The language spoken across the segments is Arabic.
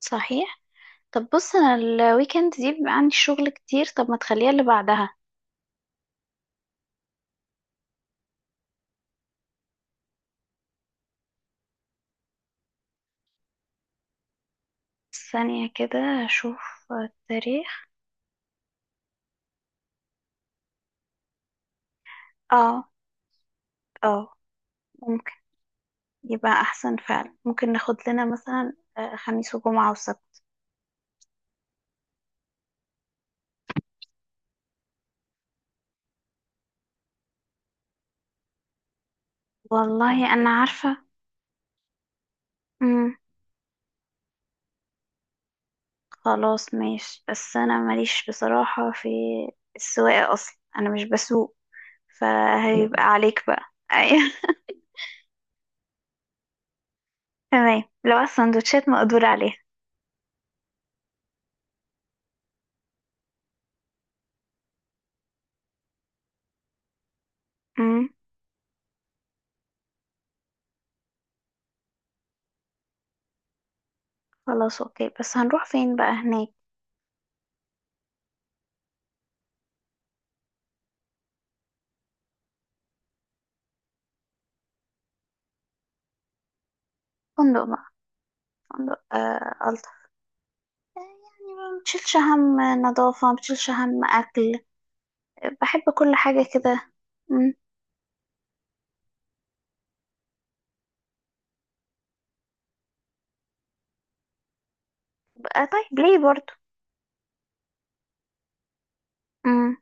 صحيح. طب بص، انا الويكند دي بيبقى عندي شغل كتير. طب ما تخليها اللي بعدها؟ ثانية كده، اشوف التاريخ. اه، اه، ممكن يبقى احسن فعلا. ممكن ناخد لنا مثلا خميس وجمعة وسبت. والله انا عارفة. امم خلاص ماشي. بس انا ماليش بصراحة في السواقة، اصلا انا مش بسوق، فهيبقى عليك بقى. ايوه. تمام لو السندوتشات مقدور عليها. امم خلاص اوكي. بس هنروح فين بقى هناك؟ فندق، فندق آه ألطف. يعني ما بتشيلش هم نظافة، ما بتشيلش هم أكل، بحب كل حاجة كده. مم. بقى طيب ليه برضو. مم.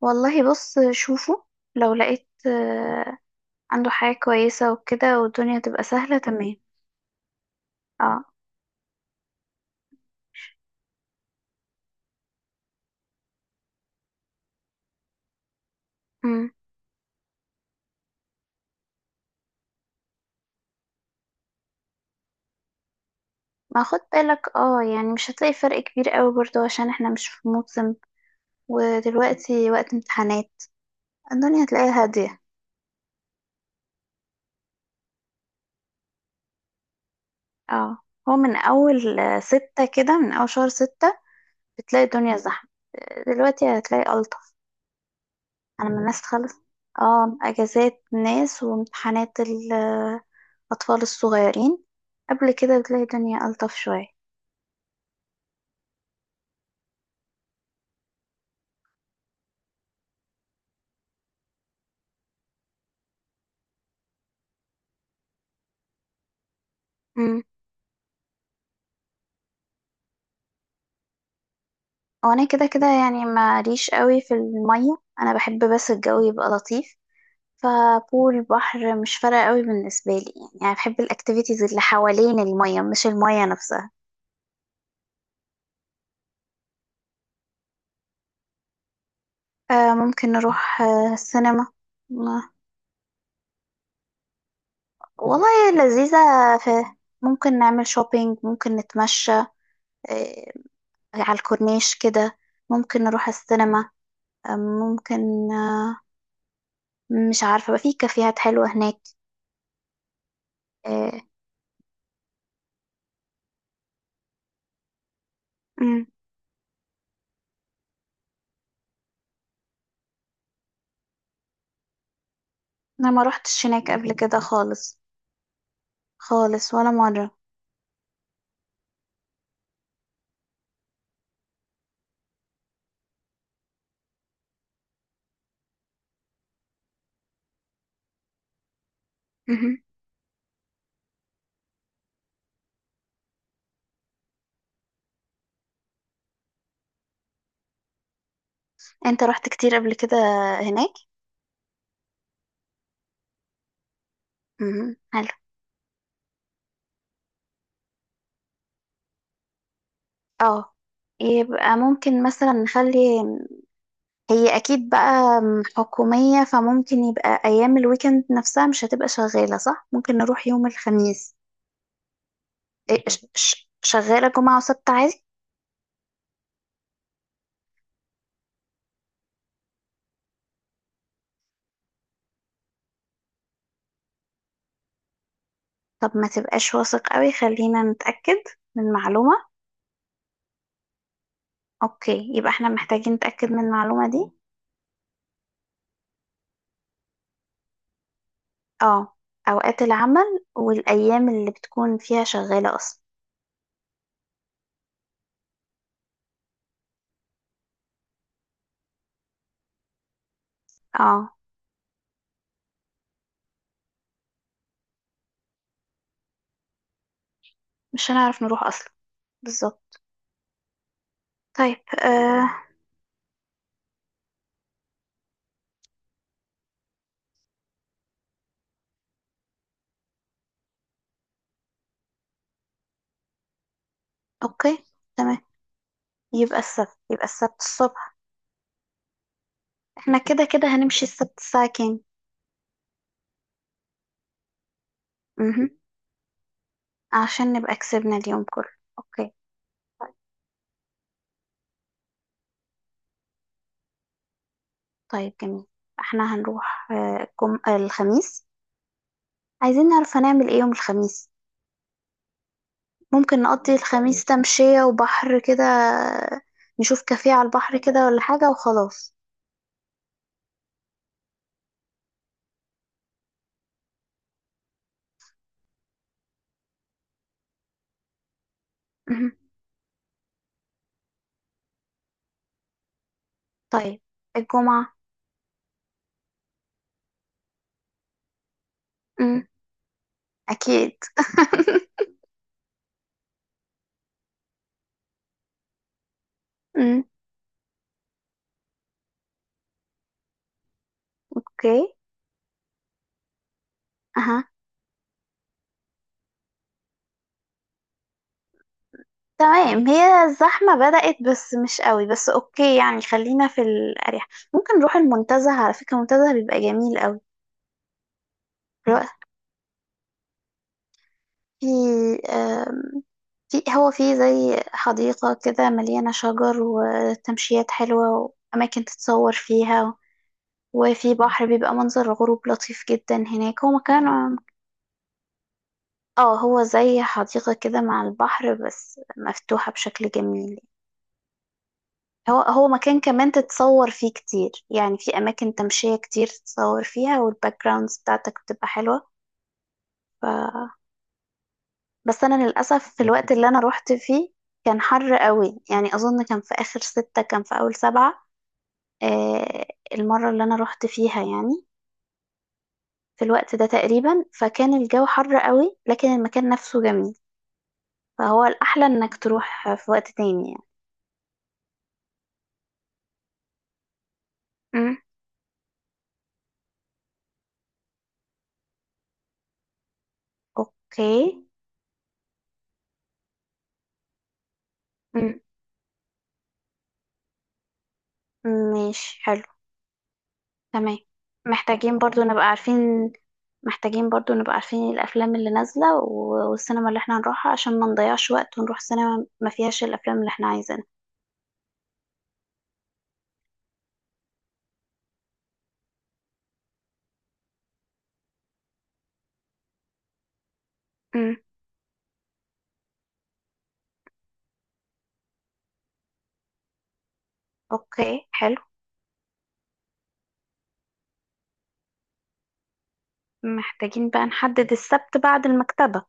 والله بص شوفه. لو لقيت آه عنده حاجة كويسة وكده، والدنيا تبقى سهلة تمام. اه. مم. ما خد بالك، اه يعني مش هتلاقي فرق كبير قوي برضو عشان احنا مش في موسم، ودلوقتي وقت امتحانات، الدنيا هتلاقيها هادية. اه، هو من أول ستة كده، من أول شهر ستة بتلاقي الدنيا زحمة، دلوقتي هتلاقي ألطف. أنا من الناس خالص. اه، أجازات ناس وامتحانات الأطفال الصغيرين، قبل كده بتلاقي الدنيا ألطف شوية. امم. وأنا كده كده يعني ماليش قوي في المية، أنا بحب بس الجو يبقى لطيف، فبول بحر مش فارقة قوي بالنسبة لي. يعني أنا بحب الأكتيفيتيز اللي حوالين المية مش المية نفسها. آه ممكن نروح آه السينما. والله لذيذة. في، ممكن نعمل شوبينج، ممكن نتمشى آه، على الكورنيش كده، ممكن نروح السينما ممكن مش عارفة بقى، في كافيهات حلوة هناك. آه، مم. أنا ما روحتش هناك قبل كده خالص، خالص ولا مرة. مهم. أنت رحت كتير قبل كده هناك؟ مهم. حلو. اه، يبقى ممكن مثلا نخلي، هي اكيد بقى حكومية، فممكن يبقى ايام الويكند نفسها مش هتبقى شغالة صح، ممكن نروح يوم الخميس. إيه، شغالة جمعة وسبت عادي. طب ما تبقاش واثق قوي، خلينا نتأكد من معلومة. اوكي يبقى احنا محتاجين نتأكد من المعلومة دي. اه، اوقات العمل والايام اللي بتكون فيها شغالة اصلا. اه، مش هنعرف نروح اصلا، بالظبط. طيب. آه. اوكي تمام، يبقى السبت، يبقى السبت الصبح. احنا كده كده هنمشي السبت الساعة كام؟ مهم. عشان نبقى كسبنا اليوم كله. اوكي. طيب جميل. احنا هنروح آه، الجم... آه، الخميس، عايزين نعرف هنعمل ايه يوم الخميس. ممكن نقضي الخميس تمشية وبحر كده، نشوف كافيه على البحر كده ولا حاجة وخلاص. مهم. طيب الجمعة. مم. أكيد. مم. أوكي. أها. تمام هي الزحمة بدأت بس مش قوي، بس أوكي يعني خلينا في الأريح. ممكن نروح المنتزه. على فكرة المنتزه بيبقى جميل قوي. في آم، في، هو في زي حديقة كده مليانة شجر وتمشيات حلوة وأماكن تتصور فيها، وفي بحر بيبقى منظر غروب لطيف جدا هناك. هو مكان، اه هو زي حديقة كده مع البحر بس مفتوحة بشكل جميل. هو هو مكان كمان تتصور فيه كتير، يعني في أماكن تمشية كتير تتصور فيها، والباك جراوندز بتاعتك بتبقى حلوة. بس انا للاسف في الوقت اللي انا روحت فيه كان حر قوي، يعني اظن كان في اخر ستة، كان في اول سبعة. آه، المرة اللي انا روحت فيها يعني في الوقت ده تقريبا، فكان الجو حر قوي لكن المكان نفسه جميل، فهو الاحلى انك تروح في وقت تاني يعني. مم. اوكي. مم. ماشي حلو. تمام. محتاجين برضو نبقى عارفين، محتاجين برضو نبقى عارفين الافلام اللي نازلة والسينما اللي احنا هنروحها عشان ما نضيعش وقت ونروح سينما ما فيهاش الافلام اللي احنا عايزينها. امم. اوكي حلو. محتاجين بقى نحدد السبت بعد المكتبة.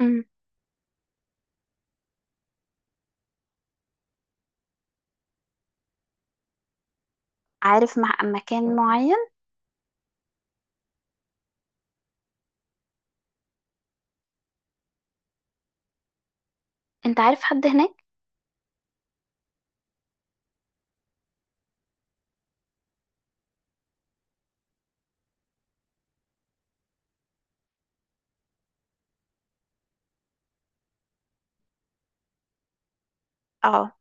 امم. عارف مع مكان معين؟ انت عارف حد هناك؟ اه،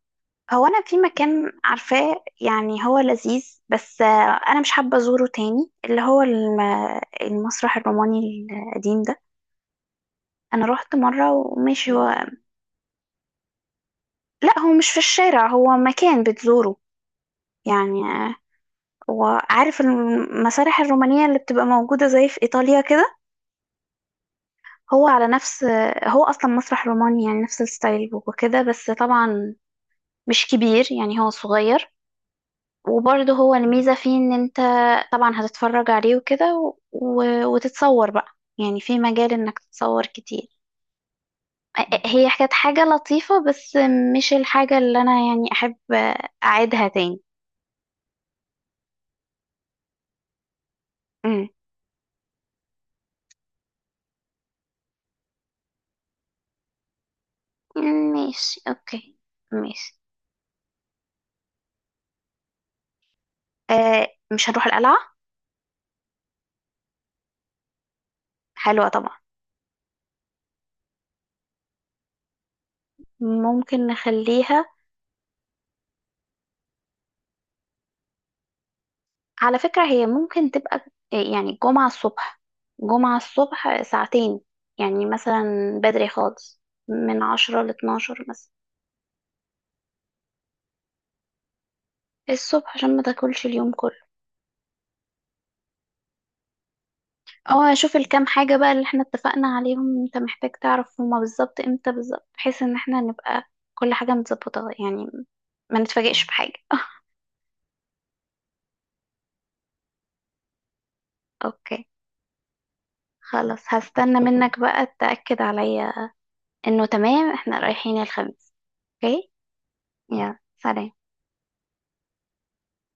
هو انا في مكان عارفاه يعني هو لذيذ بس انا مش حابة ازوره تاني، اللي هو المسرح الروماني القديم ده. انا روحت مرة وماشي هو. لا، هو مش في الشارع، هو مكان بتزوره يعني وعارف المسارح الرومانية اللي بتبقى موجودة زي في ايطاليا كده. هو على نفس، هو اصلا مسرح روماني يعني نفس الستايل وكده، بس طبعا مش كبير يعني هو صغير. وبرضه هو الميزة فيه ان انت طبعا هتتفرج عليه وكده و... و... وتتصور بقى، يعني في مجال انك تتصور كتير. هي كانت حاجة لطيفة بس مش الحاجة اللي انا يعني احب اعيدها تاني. أمم. ماشي اوكي. ماشي. آه، مش هنروح القلعة؟ حلوة طبعا. ممكن نخليها. على فكرة هي ممكن تبقى، يعني جمعة الصبح، جمعة الصبح ساعتين، يعني مثلا بدري خالص، من 10 12 مثلا الصبح، عشان ما تاكلش اليوم كله. اه، اشوف الكام حاجة بقى اللي احنا اتفقنا عليهم، انت محتاج تعرف هما بالظبط، امتى بالظبط، بحيث ان احنا نبقى كل حاجة متظبطة يعني، ما نتفاجئش بحاجة. اوكي. خلاص هستنى منك بقى تأكد عليا انه تمام احنا رايحين الخميس. اوكي. يلا سلام.